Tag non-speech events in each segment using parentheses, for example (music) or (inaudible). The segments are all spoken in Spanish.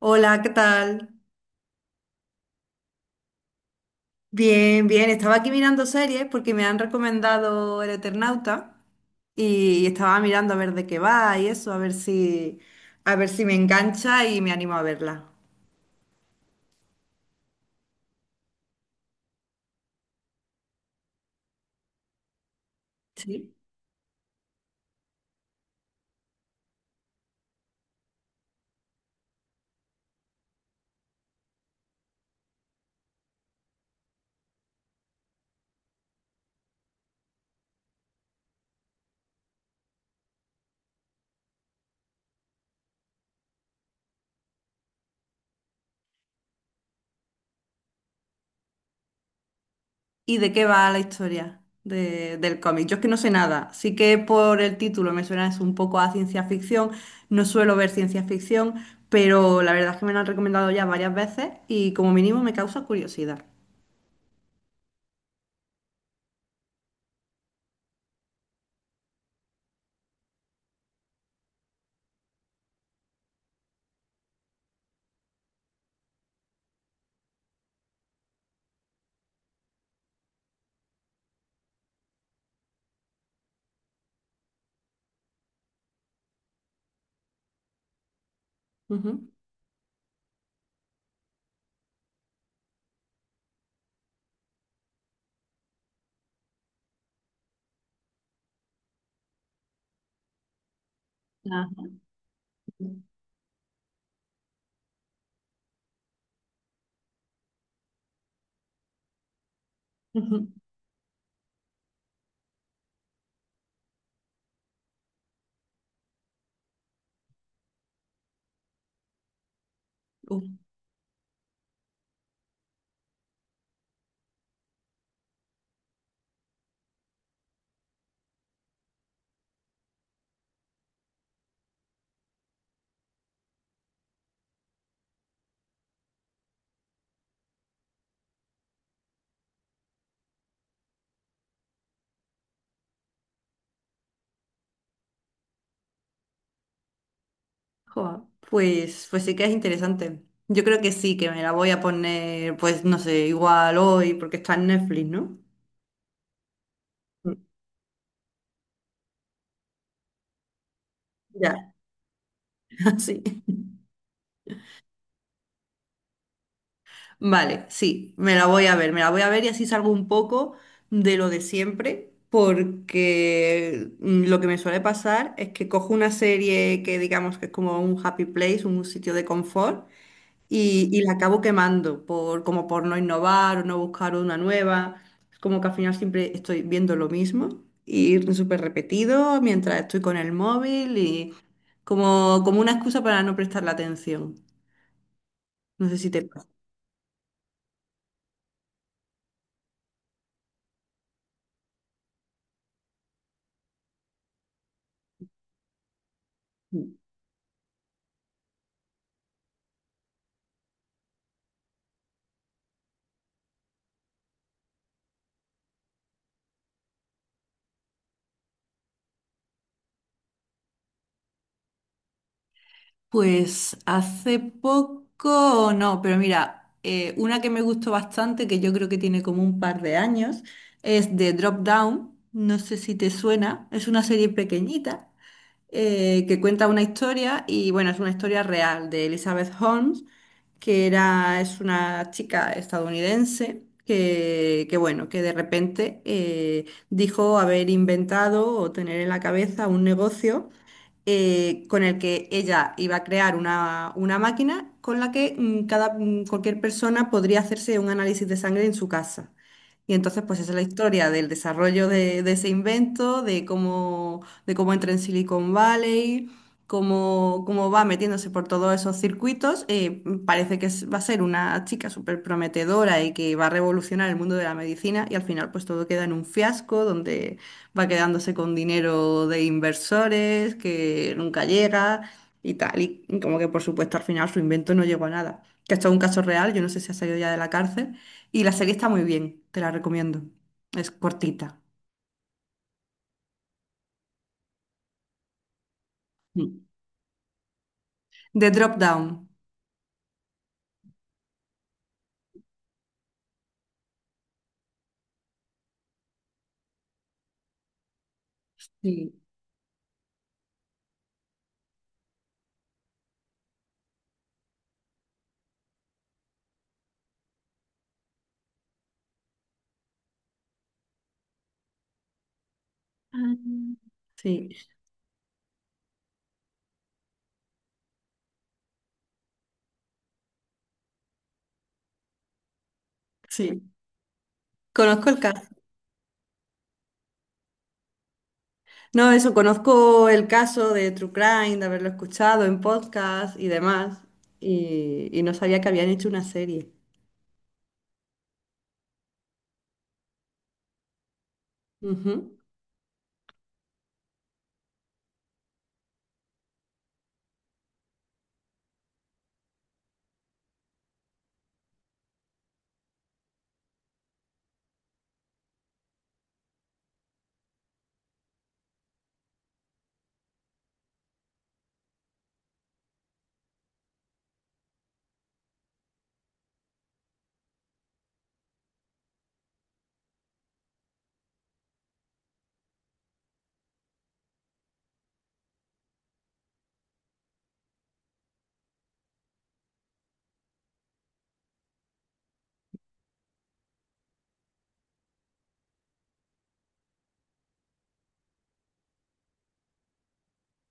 Hola, ¿qué tal? Bien, bien. Estaba aquí mirando series porque me han recomendado El Eternauta y estaba mirando a ver de qué va y eso, a ver si me engancha y me animo a verla. ¿Sí? ¿Y de qué va la historia del cómic? Yo es que no sé nada. Sí que por el título me suena es un poco a ciencia ficción. No suelo ver ciencia ficción, pero la verdad es que me lo han recomendado ya varias veces y como mínimo me causa curiosidad. Ujú. Ajá. Ujú. Joa, pues, pues sí que es interesante. Yo creo que sí, que me la voy a poner, pues no sé, igual hoy, porque está en Netflix, ¿no? Mm. Ya, (laughs) sí. Vale, sí, me la voy a ver, me la voy a ver y así salgo un poco de lo de siempre, porque lo que me suele pasar es que cojo una serie que digamos que es como un happy place, un sitio de confort, y la acabo quemando por, como por no innovar o no buscar una nueva. Es como que al final siempre estoy viendo lo mismo y súper repetido mientras estoy con el móvil y como, como una excusa para no prestar la atención. No sé si te pasa. Pues hace poco no, pero mira, una que me gustó bastante, que yo creo que tiene como un par de años, es de Drop Down. No sé si te suena, es una serie pequeñita que cuenta una historia y bueno, es una historia real de Elizabeth Holmes, es una chica estadounidense bueno, que de repente dijo haber inventado o tener en la cabeza un negocio con el que ella iba a crear una máquina con la que cualquier persona podría hacerse un análisis de sangre en su casa. Y entonces, pues esa es la historia del desarrollo de ese invento, de cómo entra en Silicon Valley, cómo, cómo va metiéndose por todos esos circuitos. Parece que va a ser una chica súper prometedora y que va a revolucionar el mundo de la medicina y al final pues todo queda en un fiasco donde va quedándose con dinero de inversores que nunca llega y tal. Y como que por supuesto al final su invento no llegó a nada. Que esto es un caso real, yo no sé si ha salido ya de la cárcel. Y la serie está muy bien, te la recomiendo. Es cortita. Mm. The Drop Down. Sí, sí, sí. Conozco el caso. No, eso, conozco el caso de True Crime, de haberlo escuchado en podcast y demás. Y no sabía que habían hecho una serie. Ujú.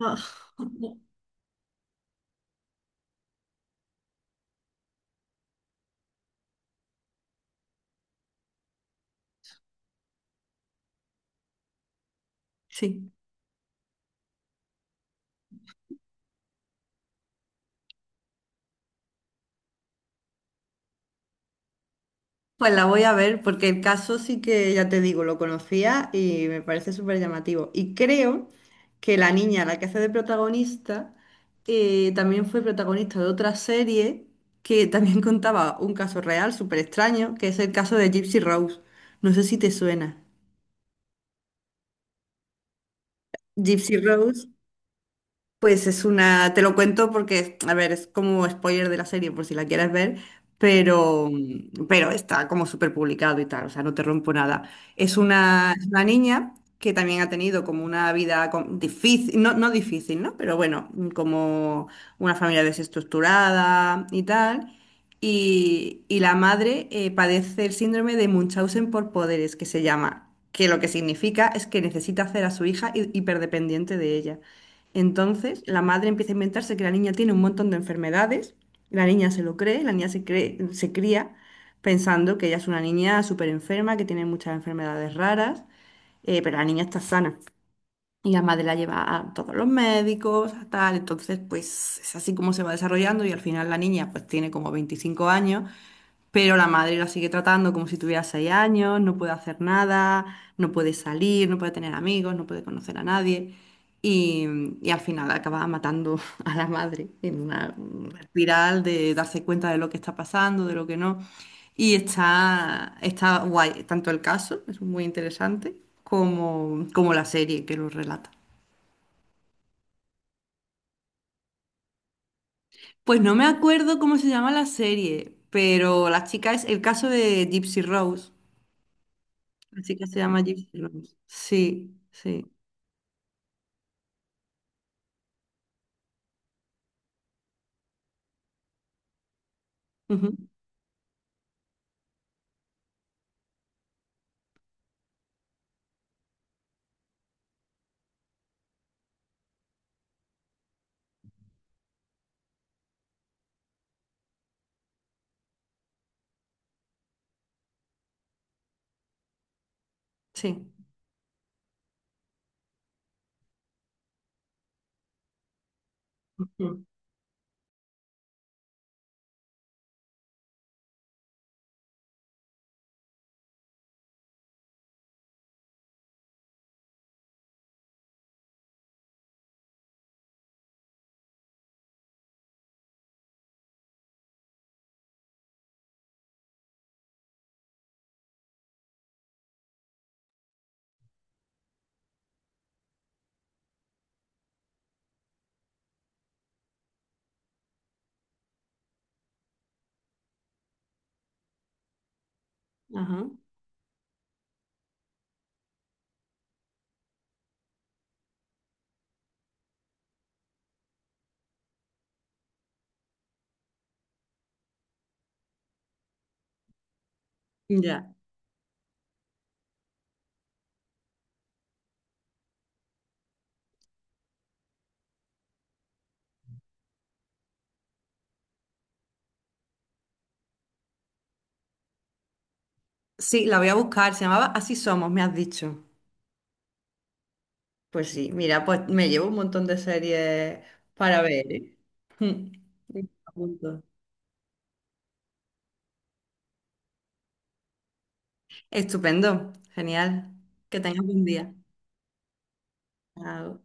Ah, (laughs) sí. Pues la voy a ver porque el caso sí que, ya te digo, lo conocía y me parece súper llamativo. Y creo que la niña, la que hace de protagonista, también fue protagonista de otra serie que también (laughs) contaba un caso real súper extraño, que es el caso de Gypsy Rose. No sé si te suena. Gypsy Rose. Pues es una, te lo cuento porque, a ver, es como spoiler de la serie por si la quieres ver, pero, pero está como súper publicado y tal, o sea, no te rompo nada. Es una niña que también ha tenido como una vida difícil, no, no difícil, ¿no? Pero bueno, como una familia desestructurada y tal. Y la madre padece el síndrome de Munchausen por poderes, que se llama, que lo que significa es que necesita hacer a su hija hiperdependiente de ella. Entonces, la madre empieza a inventarse que la niña tiene un montón de enfermedades, la niña se lo cree, la niña se cree, se cría pensando que ella es una niña súper enferma, que tiene muchas enfermedades raras, pero la niña está sana. Y la madre la lleva a todos los médicos, a tal, entonces pues es así como se va desarrollando y al final la niña pues tiene como 25 años pero la madre la sigue tratando como si tuviera 6 años, no puede hacer nada, no puede salir, no puede tener amigos, no puede conocer a nadie. Y, y al final acaba matando (laughs) a la madre en una espiral de darse cuenta de lo que está pasando, de lo que no. Y está, está guay, tanto el caso, es muy interesante, como, como la serie que lo relata. Pues no me acuerdo cómo se llama la serie, pero la chica es el caso de Gypsy Rose. Así que se llama Gypsy Rose. Sí, sí. Ujú, sí. Ujú, ajá. Ya. Sí, la voy a buscar. Se llamaba Así Somos, me has dicho. Pues sí, mira, pues me llevo un montón de series para ver, ¿eh? Mm. Apunto. Estupendo, genial. Que tengas buen día. Chao.